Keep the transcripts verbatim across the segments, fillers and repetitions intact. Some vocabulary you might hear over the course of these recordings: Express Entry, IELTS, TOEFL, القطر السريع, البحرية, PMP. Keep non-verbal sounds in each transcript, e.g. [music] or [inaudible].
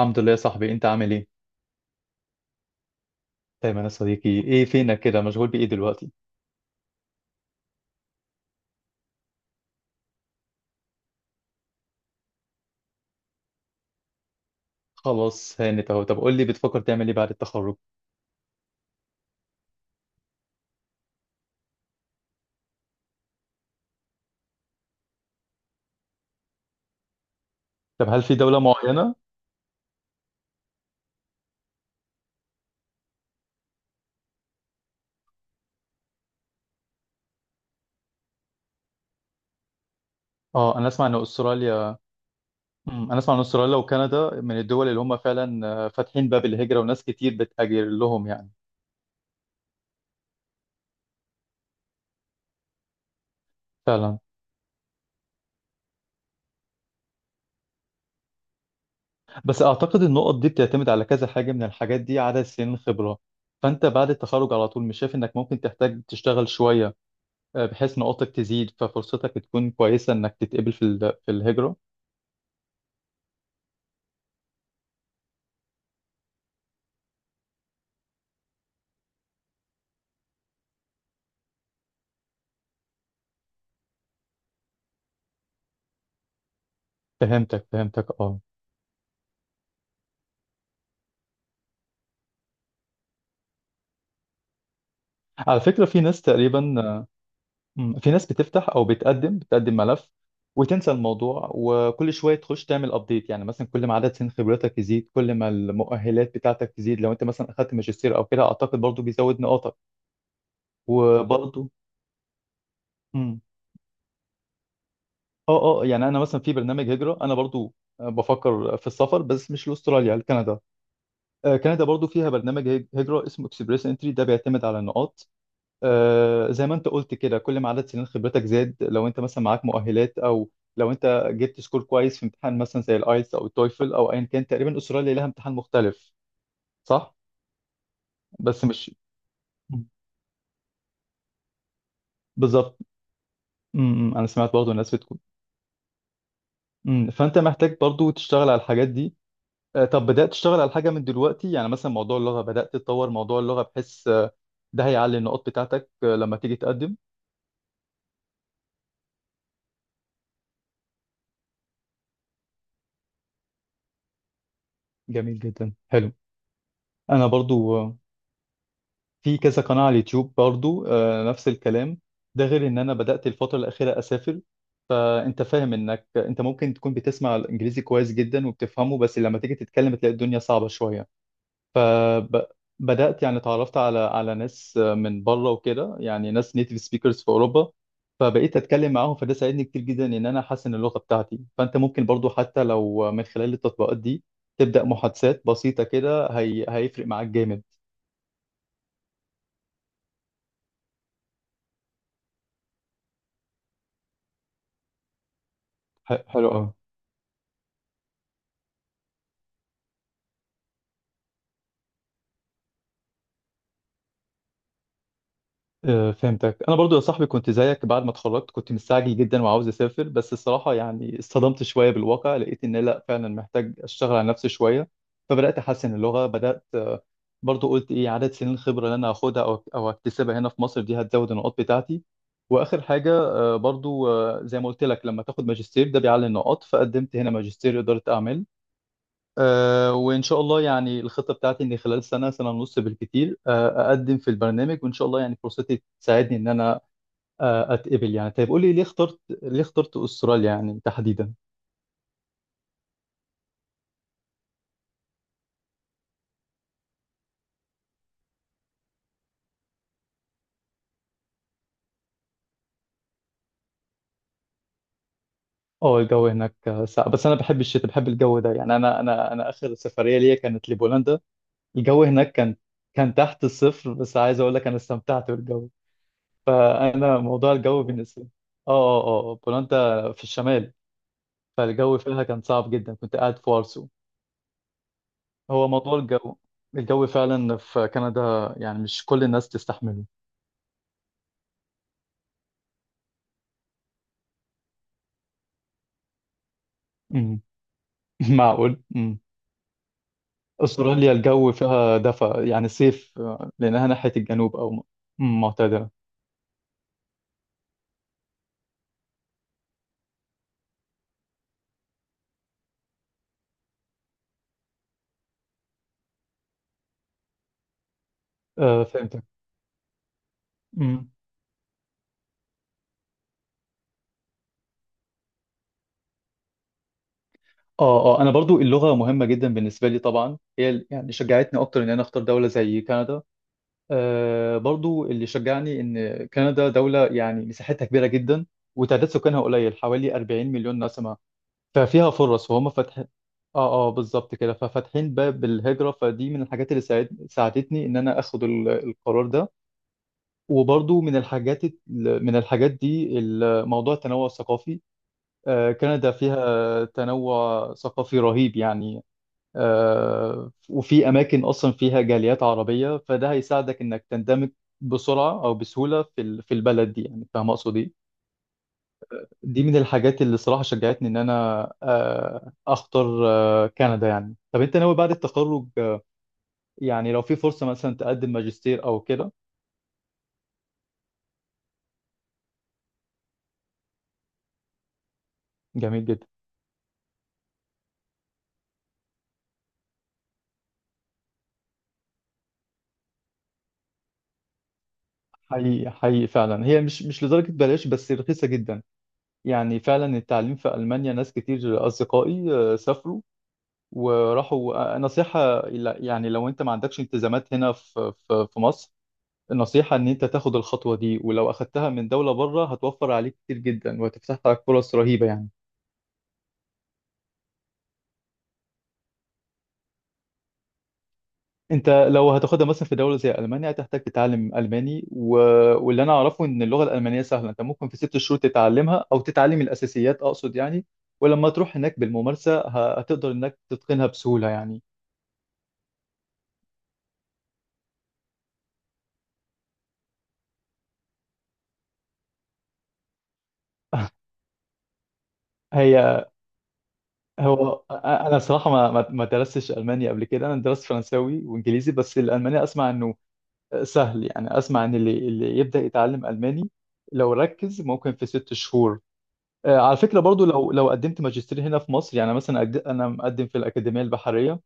الحمد لله يا صاحبي، انت عامل ايه؟ دايما يا صديقي. ايه فينك كده، مشغول بايه دلوقتي؟ خلاص هانت اهو. طب قول لي، بتفكر تعمل ايه بعد التخرج؟ طب هل في دولة معينة؟ اه، انا اسمع ان استراليا. مم، انا اسمع ان استراليا وكندا من الدول اللي هم فعلا آه، فاتحين باب الهجرة، وناس كتير بتهاجر لهم يعني. فعلا. بس اعتقد النقط دي بتعتمد على كذا حاجة من الحاجات دي، عدد سنين خبرة. فانت بعد التخرج على طول، مش شايف انك ممكن تحتاج تشتغل شوية آه، بحيث نقاطك تزيد، ففرصتك تكون كويسة انك تتقبل في ال- في الهجرة. فهمتك فهمتك اه. على فكرة في ناس تقريبا، مم، في ناس بتفتح او بتقدم بتقدم ملف، وتنسى الموضوع، وكل شوية تخش تعمل ابديت. يعني مثلا كل ما عدد سنين خبرتك يزيد، كل ما المؤهلات بتاعتك تزيد، لو انت مثلا اخدت ماجستير او كده، اعتقد برضو بيزود نقاطك. وبرضو مم. اه اه، يعني انا مثلا في برنامج هجرة. انا برضو آه، بفكر في السفر، بس مش لاستراليا، لكندا. آه، كندا برضو فيها برنامج هج- هجرة اسمه اكسبريس انتري، ده بيعتمد على النقاط. آه، زي ما انت قلت كده، كل ما عدد سنين خبرتك زاد، لو انت مثلا معاك مؤهلات، او لو انت جبت سكور كويس في امتحان مثلا زي الايلتس او التويفل او ايا كان. تقريبا استراليا لها امتحان مختلف. صح. بس مش بالظبط. امم انا سمعت برضه الناس بتقول. امم فانت محتاج برضه تشتغل على الحاجات دي. آه، طب بدأت تشتغل على حاجة من دلوقتي، يعني مثلا موضوع اللغة؟ بدأت تطور موضوع اللغة، بحيث آه، ده هيعلي النقاط بتاعتك آه، لما تيجي تقدم. جميل جدا، حلو. انا برضو في كذا قناة على اليوتيوب، برضو آه، نفس الكلام. ده غير ان انا بدأت الفترة الأخيرة اسافر. فانت فاهم انك انت ممكن تكون بتسمع الانجليزي كويس جدا وبتفهمه، بس لما تيجي تتكلم تلاقي الدنيا صعبة شوية. فبدأت يعني اتعرفت على على ناس من بره وكده، يعني ناس نيتيف سبيكرز في اوروبا. فبقيت اتكلم معاهم، فده ساعدني كتير جدا ان انا احسن اللغة بتاعتي. فانت ممكن برضو حتى لو من خلال التطبيقات دي تبدأ محادثات بسيطة كده، هي... هيفرق معاك جامد. ح- حلو قوي. آه، فهمتك. انا برضو يا صاحبي كنت زيك، بعد ما اتخرجت كنت مستعجل جدا وعاوز اسافر، بس الصراحه يعني اصطدمت شويه بالواقع، لقيت ان لا، فعلا محتاج اشتغل على نفسي شويه. فبدات احسن اللغه، بدات آه، برضو قلت ايه، عدد سنين الخبره اللي انا هاخدها او او اكتسبها هنا في مصر دي هتزود النقاط بتاعتي. واخر حاجه آه، برضو آه، زي ما قلت لك، لما تاخد ماجستير ده بيعلي النقاط، فقدمت هنا ماجستير اداره اعمال. آه، وإن شاء الله يعني الخطة بتاعتي إن خلال سنة، سنة ونص بالكتير آه، أقدم في البرنامج، وإن شاء الله يعني فرصتي تساعدني إن أنا آه، أتقبل يعني. طيب قولي، ليه اخترت ليه اخترت أستراليا يعني تحديدا؟ أه، الجو هناك آه، ساقع، بس أنا بحب الشتاء، بحب الجو ده يعني. أنا أنا أنا آخر سفرية ليا كانت لبولندا. الجو هناك كان كان تحت الصفر، بس عايز أقول لك أنا استمتعت بالجو. فأنا موضوع الجو بالنسبة لي. أه أه أه بولندا في الشمال، فالجو فيها كان صعب جدا، كنت قاعد في وارسو. هو موضوع الجو، الجو فعلا في كندا يعني مش كل الناس تستحمله. امم [laughs] معقول. امم استراليا الجو فيها دفا، يعني صيف آه، لانها ناحيه الجنوب او م- مم، معتدله. آه فهمتك. امم اه اه، انا برضو اللغه مهمه جدا بالنسبه لي طبعا. هي ال- يعني شجعتني اكتر ان انا اختار دوله زي كندا. آه برضو اللي شجعني ان كندا دوله يعني مساحتها كبيره جدا، وتعداد سكانها قليل، حوالي أربعين مليون نسمه. ففيها فرص، فهم فاتحين. اه اه بالظبط كده، ففاتحين باب الهجرة. فدي من الحاجات اللي ساعد... ساعدتني ان انا اخد ال- القرار ده. وبرضو من الحاجات ال- من الحاجات دي ال- موضوع التنوع الثقافي. آه، كندا فيها تنوع ثقافي رهيب يعني. آه، وفي اماكن اصلا فيها جاليات عربية، فده هيساعدك انك تندمج بسرعة او بسهولة في ال- في البلد دي، يعني فاهم اقصد ايه. دي من الحاجات اللي صراحة شجعتني إن أنا آه، أختار آه، كندا يعني. طب أنت ناوي بعد التخرج آه، يعني لو في فرصة مثلا تقدم ماجستير أو كده؟ جميل جدا. حقيقي حقيقي فعلا هي مش مش لدرجة بلاش، بس رخيصة جدا. يعني فعلا التعليم في ألمانيا، ناس كتير أصدقائي آه، سافروا وراحوا. آه، نصيحة لا- يعني لو أنت ما عندكش التزامات هنا في في في مصر، النصيحة إن أنت تاخد الخطوة دي. ولو أخدتها من دولة بره هتوفر عليك كتير جدا وهتفتح لك فرص رهيبة يعني. انت لو هتاخدها مثلا في دوله زي المانيا، هتحتاج تتعلم الماني و... واللي انا اعرفه ان اللغه الالمانيه سهله، انت ممكن في ست شهور تتعلمها او تتعلم الاساسيات اقصد يعني. ولما تروح هناك بالممارسه ه- هتقدر انك تتقنها بسهوله يعني. [laughs] هي، هو أ- انا صراحه ما ما ما درستش الماني قبل كده، انا درست فرنساوي وانجليزي، بس الالماني اسمع انه سهل. يعني اسمع ان اللي اللي يبدا يتعلم الماني لو ركز ممكن في ست شهور. آه، على فكرة برضو لو لو قدمت ماجستير هنا في مصر، يعني مثلا أجد- أنا مقدم في الأكاديمية البحرية،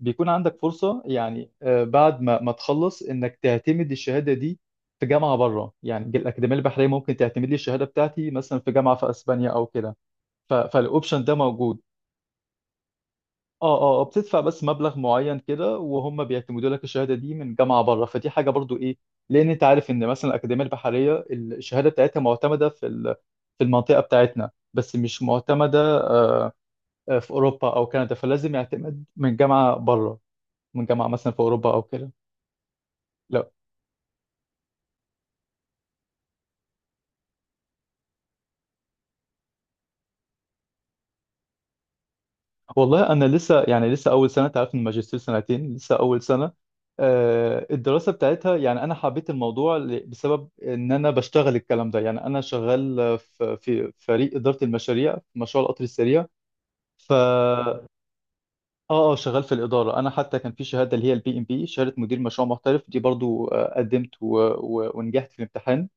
بيكون عندك فرصة يعني آه، بعد ما ما تخلص إنك تعتمد الشهادة دي في جامعة بره. يعني الأكاديمية البحرية ممكن تعتمد لي الشهادة بتاعتي مثلا في جامعة في أسبانيا أو كده. ف- فالأوبشن ده موجود. اه اه آه، بتدفع بس مبلغ معين كده وهم بيعتمدوا لك الشهاده دي من جامعه بره. فدي حاجه، برضو ايه، لان انت عارف ان مثلا الاكاديميه البحريه الشهاده بتاعتها معتمده في ال- في المنطقه بتاعتنا، بس مش معتمده آه، آه، في اوروبا او كندا، فلازم يعتمد من جامعه بره، من جامعه مثلا في اوروبا او كده. والله انا لسه يعني، لسه اول سنه. تعرف إن الماجستير سنتين، لسه اول سنه. آه، الدراسه بتاعتها يعني انا حبيت الموضوع ل- بسبب ان انا بشتغل الكلام ده، يعني انا شغال في في فريق اداره المشاريع في مشروع القطر السريع. ف اه اه شغال في الاداره. انا حتى كان في شهاده، اللي هي البي ام بي، شهاده مدير مشروع محترف، دي برضو آه، قدمت و... و... ونجحت في الامتحان.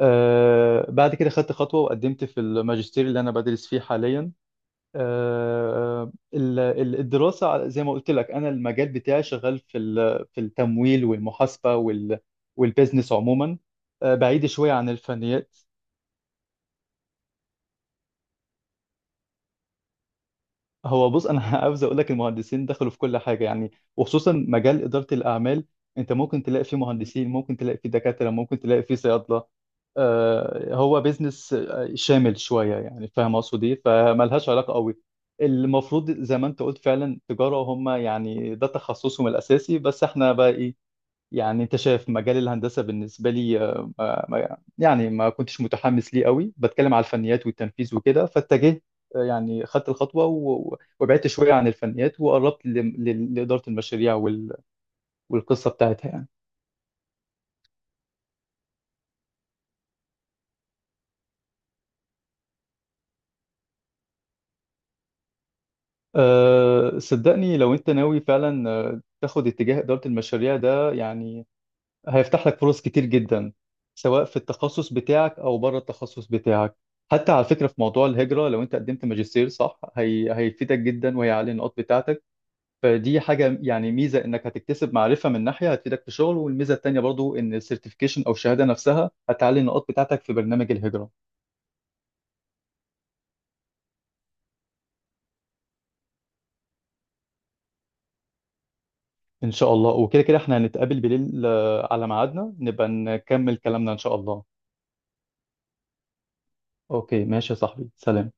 آه، بعد كده خدت خطوه وقدمت في الماجستير اللي انا بدرس فيه حاليا. آه، آه، ال- ال- الدراسة زي ما قلت لك، أنا المجال بتاعي شغال في ال- في التمويل والمحاسبة وال- والبيزنس عموما آه، بعيد شوية عن الفنيات. هو بص انا [laughs] عاوز اقول لك، المهندسين دخلوا في كل حاجه يعني، وخصوصا مجال اداره الاعمال. انت ممكن تلاقي فيه مهندسين، ممكن تلاقي فيه دكاتره، ممكن تلاقي فيه صيادله. آه، هو بيزنس آه، شامل شويه، يعني فاهم اقصد ايه. فملهاش علاقه قوي. المفروض زي ما انت قلت فعلا تجاره، هم يعني ده تخصصهم الاساسي، بس احنا بقى ايه. يعني انت شايف مجال الهندسه بالنسبه لي آه، ما ما- يعني ما كنتش متحمس ليه قوي، بتكلم على الفنيات والتنفيذ وكده. فاتجهت آه، يعني خدت الخطوه و- و- وبعدت شويه عن الفنيات، وقربت ل- ل- لاداره المشاريع وال- والقصه بتاعتها يعني. أه صدقني لو انت ناوي فعلا آه، تاخد اتجاه اداره المشاريع ده يعني، هيفتح لك فرص كتير جدا، سواء في التخصص بتاعك او بره التخصص بتاعك. حتى على فكره في موضوع الهجره، لو انت قدمت ماجستير صح، هي... هيفيدك جدا وهيعلي النقاط بتاعتك. فدي حاجه يعني، ميزه انك هتكتسب معرفه من ناحيه هتفيدك في شغل، والميزه التانيه برضو ان السيرتيفيكيشن او الشهاده نفسها هتعلي النقاط بتاعتك في برنامج الهجره. ان شاء الله. وكده كده احنا هنتقابل بالليل آه، على ميعادنا نبقى نكمل كلامنا ان شاء الله. اوكي، ماشي يا صاحبي، سلام.